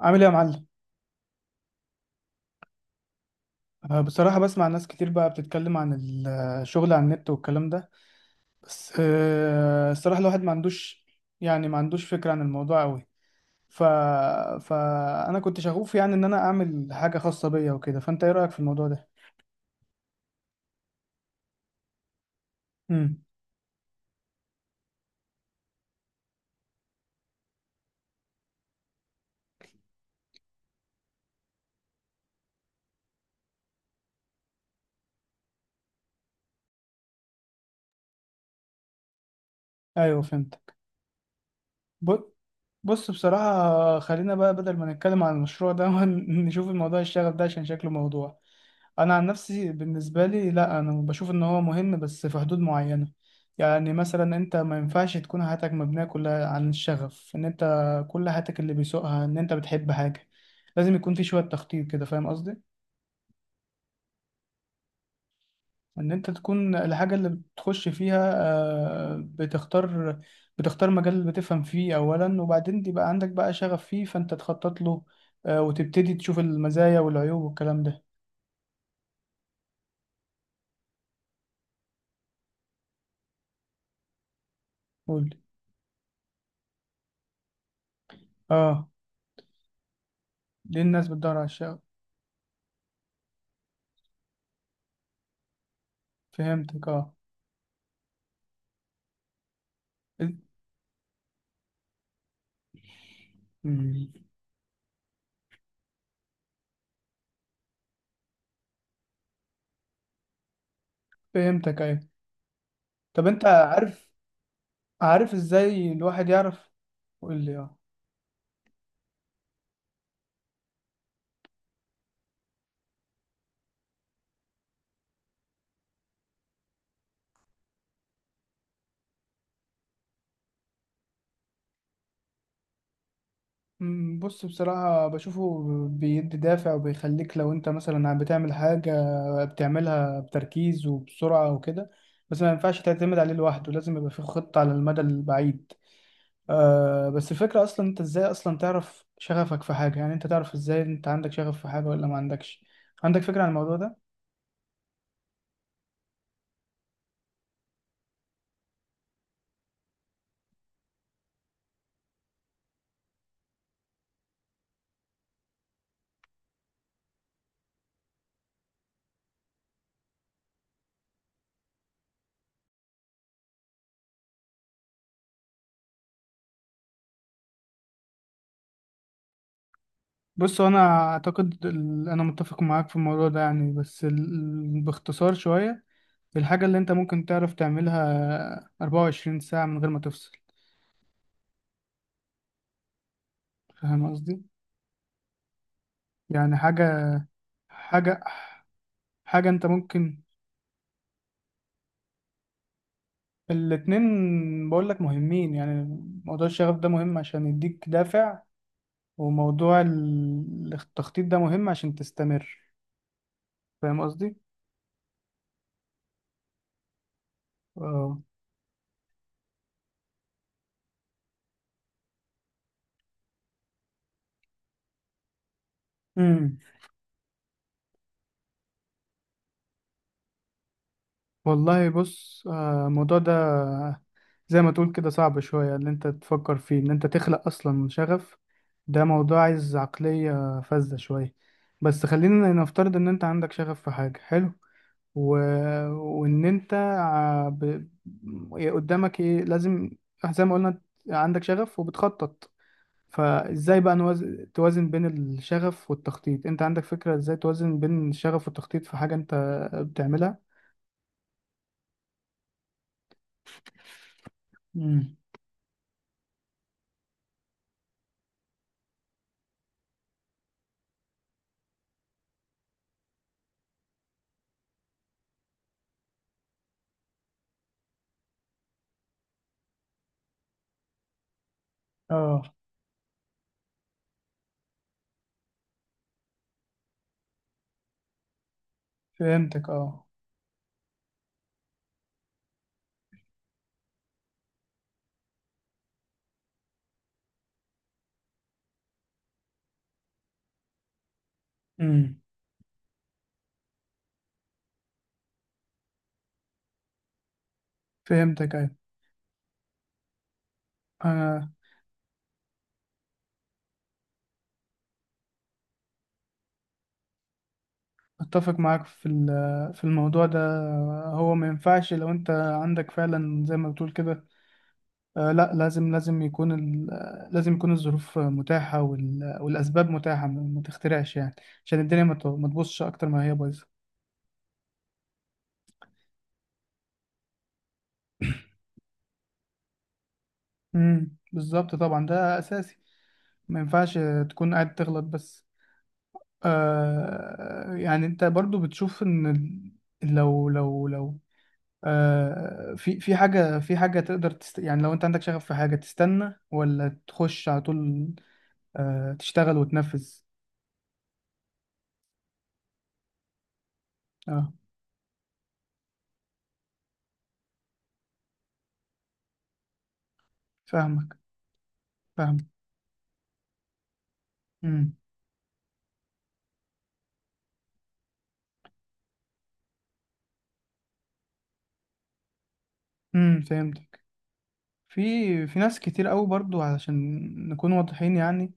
عامل ايه يا معلم؟ بصراحة بسمع ناس كتير بقى بتتكلم عن الشغل على النت والكلام ده. بس الصراحة الواحد ما عندوش يعني ما عندوش فكرة عن الموضوع قوي. ف... فأنا كنت شغوف يعني إن أنا أعمل حاجة خاصة بيا وكده، فأنت إيه رأيك في الموضوع ده؟ امم. أيوه، فهمت. ب- بص بصراحة، خلينا بقى بدل ما نتكلم عن المشروع ده نشوف الموضوع الشغف ده عشان شكله موضوع. أنا عن نفسي بالنسبة لي، لا أنا بشوف إن هو مهم بس في حدود معينة. يعني مثلا أنت ما ينفعش تكون حياتك مبنية كلها عن الشغف، إن أنت كل حياتك اللي بيسوقها إن أنت بتحب حاجة، لازم يكون في شوية تخطيط كده. فاهم قصدي؟ ان انت تكون الحاجة اللي بتخش فيها. آه، بتختار بتختار مجال اللي بتفهم فيه اولا، وبعدين يبقى عندك بقى شغف فيه، فانت تخطط له. وتبتدي تشوف المزايا والعيوب والكلام ده. قول. اه، ليه الناس بتدور على الشغف؟ فهمتك، اه. إز- مم. فهمتك، ايوه. طب انت عارف ازاي الواحد يعرف؟ قول لي، اه. بص بصراحة بشوفه بيدي دافع وبيخليك، لو انت مثلا بتعمل حاجة بتعملها بتركيز وبسرعة وكده. بس ما ينفعش تعتمد عليه لوحده، لازم يبقى فيه خطة على المدى البعيد. بس الفكرة اصلا، انت ازاي اصلا تعرف شغفك في حاجة؟ يعني انت تعرف ازاي انت عندك شغف في حاجة ولا ما عندكش؟ عندك فكرة عن الموضوع ده؟ بص هو انا اعتقد انا متفق معاك في الموضوع ده يعني. بس باختصار شوية، الحاجة اللي انت ممكن تعرف تعملها 24 ساعة من غير ما تفصل. فاهم قصدي؟ يعني حاجة حاجة انت ممكن. الاتنين بقول لك مهمين يعني. موضوع الشغف ده مهم عشان يديك دافع، وموضوع التخطيط ده مهم عشان تستمر. فاهم قصدي؟ اه. امم. والله بص، الموضوع ده زي ما تقول كده صعب شوية، اللي انت تفكر فيه ان انت تخلق اصلا شغف. ده موضوع عايز عقلية فذة شوية. بس خلينا نفترض ان انت عندك شغف في حاجة، حلو. و... وان انت إيه قدامك ايه لازم؟ زي ما قلنا، عندك شغف وبتخطط، فازاي بقى توازن بين الشغف والتخطيط؟ انت عندك فكرة ازاي توازن بين الشغف والتخطيط في حاجة انت بتعملها؟ امم، اه. فهمتك، اه. امم. فهمتك، ايوه. انا اتفق معاك في الموضوع ده. هو ما ينفعش لو انت عندك فعلا زي ما بتقول كده. لا لازم يكون لازم يكون الظروف متاحة والأسباب متاحة، ما تخترعش يعني. عشان الدنيا ما تبوظش أكتر ما هي بايظة. بالظبط، طبعا، ده أساسي. ما ينفعش تكون قاعد تغلط بس. يعني أنت برضو بتشوف إن لو في حاجة تقدر يعني لو أنت عندك شغف في حاجة، تستنى ولا تخش على طول؟ تشتغل وتنفذ. اه، فاهمك فاهمك. امم فهمت. في ناس كتير قوي برضو، علشان نكون واضحين يعني،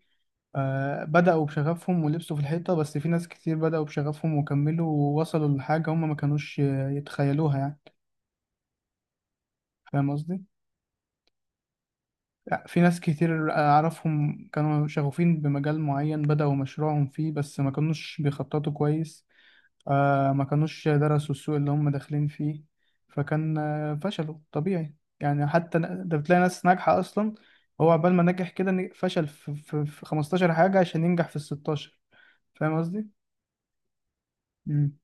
بدأوا بشغفهم ولبسوا في الحيطة، بس في ناس كتير بدأوا بشغفهم وكملوا ووصلوا لحاجة هم ما كانوش يتخيلوها يعني. فاهم قصدي؟ لا، في ناس كتير أعرفهم كانوا شغوفين بمجال معين، بدأوا مشروعهم فيه بس ما كانوش بيخططوا كويس. ما كانوش درسوا السوق اللي هم داخلين فيه، فكان فشلوا طبيعي. يعني حتى ده بتلاقي ناس ناجحة أصلا، هو عقبال ما نجح كده فشل في 15 حاجة عشان ينجح في ال 16. فاهم قصدي؟ مم.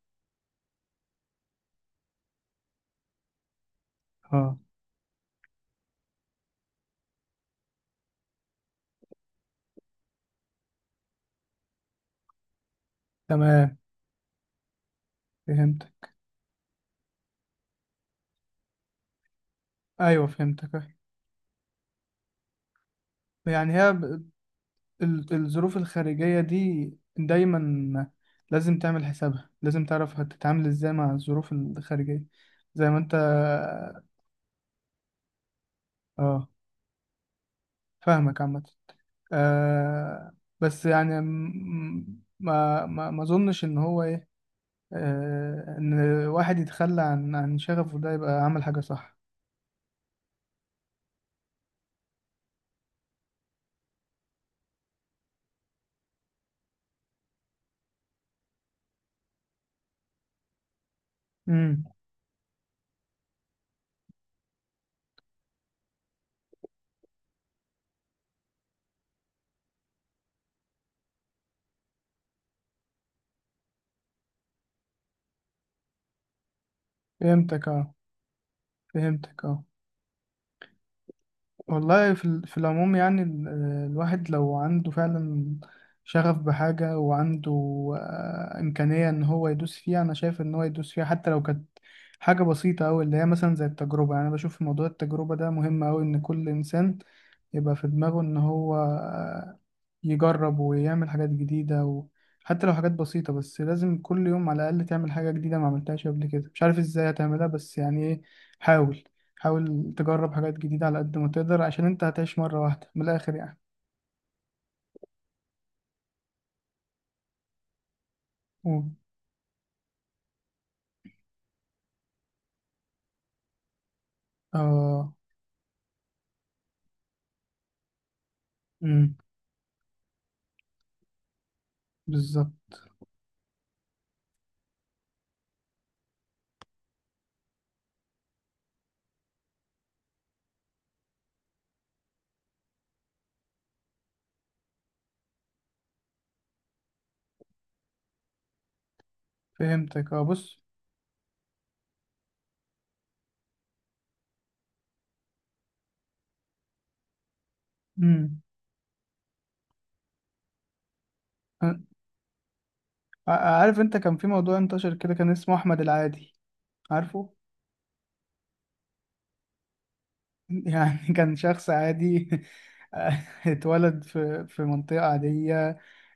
اه، تمام. فهمتك، أيوه. فهمتك، أيوة. يعني هي الظروف الخارجية دي، دايما لازم تعمل حسابها، لازم تعرف هتتعامل ازاي مع الظروف الخارجية زي ما انت. اه، فاهمك عامة. آه بس يعني ما اظنش ان هو ايه، ان واحد يتخلى عن شغفه، ده يبقى عمل حاجة صح. امم. فهمتك، اه. فهمتك، اه. والله في العموم، يعني الواحد لو عنده فعلا شغف بحاجة، وعنده إمكانية إن هو يدوس فيها، أنا شايف إن هو يدوس فيها حتى لو كانت حاجة بسيطة أوي، اللي هي مثلا زي التجربة. يعني أنا بشوف في موضوع التجربة ده مهم أوي، إن كل إنسان يبقى في دماغه إن هو يجرب ويعمل حاجات جديدة. وحتى لو حاجات بسيطة، بس لازم كل يوم على الأقل تعمل حاجة جديدة ما عملتهاش قبل كده. مش عارف إزاي هتعملها، بس يعني إيه، حاول حاول تجرب حاجات جديدة على قد ما تقدر، عشان انت هتعيش مرة واحدة من الآخر يعني. و... اه، امم، بالظبط. فهمتك، اه. بص، امم. عارف انت كان في موضوع انتشر كده كان اسمه أحمد العادي؟ عارفه؟ يعني كان شخص عادي. اتولد في منطقة عادية،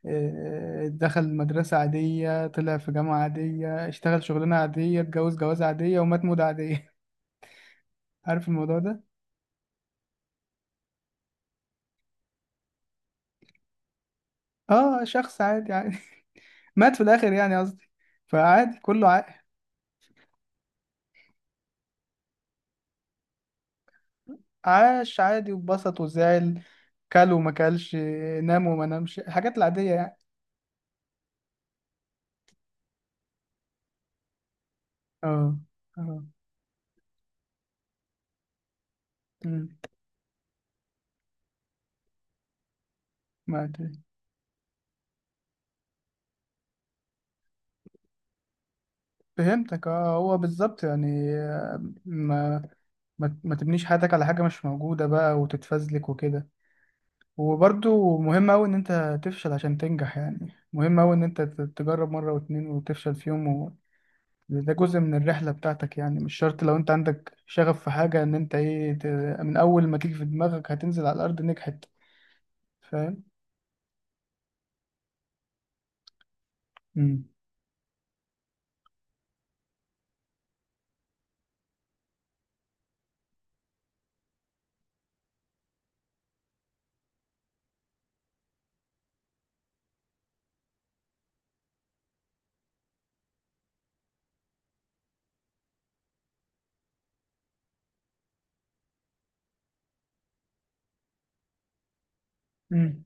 اه، دخل مدرسة عادية، طلع في جامعة عادية، اشتغل شغلانة عادية، اتجوز جوازة عادية، ومات موتة عادية. عارف الموضوع ده؟ اه، شخص عادي، مات في الاخر يعني قصدي. فعادي كله. عاش عادي، واتبسط وزعل، كل وما كلش، نام وما نامش، الحاجات العادية يعني. اه، اه، أمم، ما أدري. فهمتك، اه. هو بالظبط يعني، ما ما تبنيش حياتك على حاجة مش موجودة بقى وتتفزلك وكده. وبرضو مهم أوي إن أنت تفشل عشان تنجح، يعني مهم أوي إن أنت تجرب مرة واتنين وتفشل فيهم. ده جزء من الرحلة بتاعتك، يعني مش شرط لو انت عندك شغف في حاجة ان انت ايه من اول ما تيجي في دماغك هتنزل على الارض نجحت. فاهم؟ امم، امم،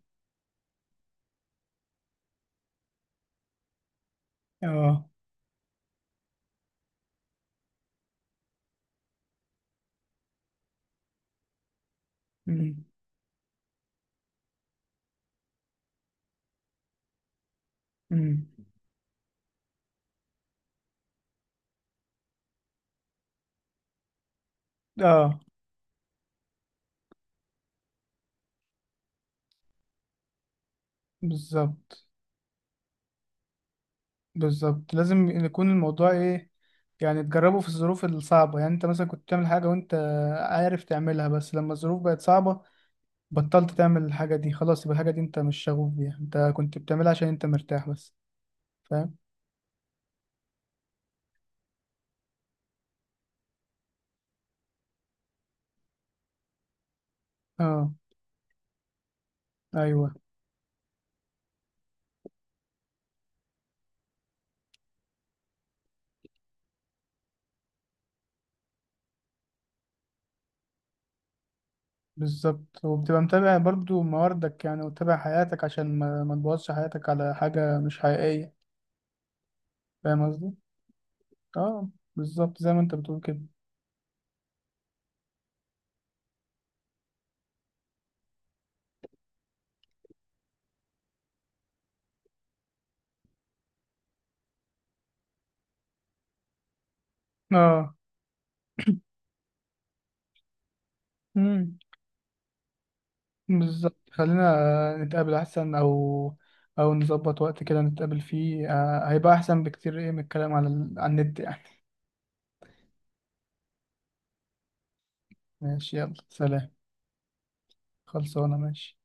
اه، امم، امم، اه، بالظبط. بالظبط لازم يكون الموضوع ايه؟ يعني تجربه في الظروف الصعبة. يعني انت مثلا كنت بتعمل حاجة وانت عارف تعملها، بس لما الظروف بقت صعبة، بطلت تعمل الحاجة دي. خلاص يبقى الحاجة دي انت مش شغوف بيها، انت كنت بتعملها عشان انت مرتاح بس. فاهم؟ اه، ايوه، بالظبط. وبتبقى متابع برضو مواردك يعني، وتابع حياتك عشان ما تبوظش حياتك على حاجة مش حقيقية. فاهم قصدي؟ اه، بالظبط زي ما انت بتقول كده. اه، امم، بالظبط. خلينا نتقابل احسن، او نظبط وقت كده نتقابل فيه، هيبقى احسن بكتير، ايه، من الكلام على على النت يعني. ماشي، يلا سلام. خلصانة، ماشي.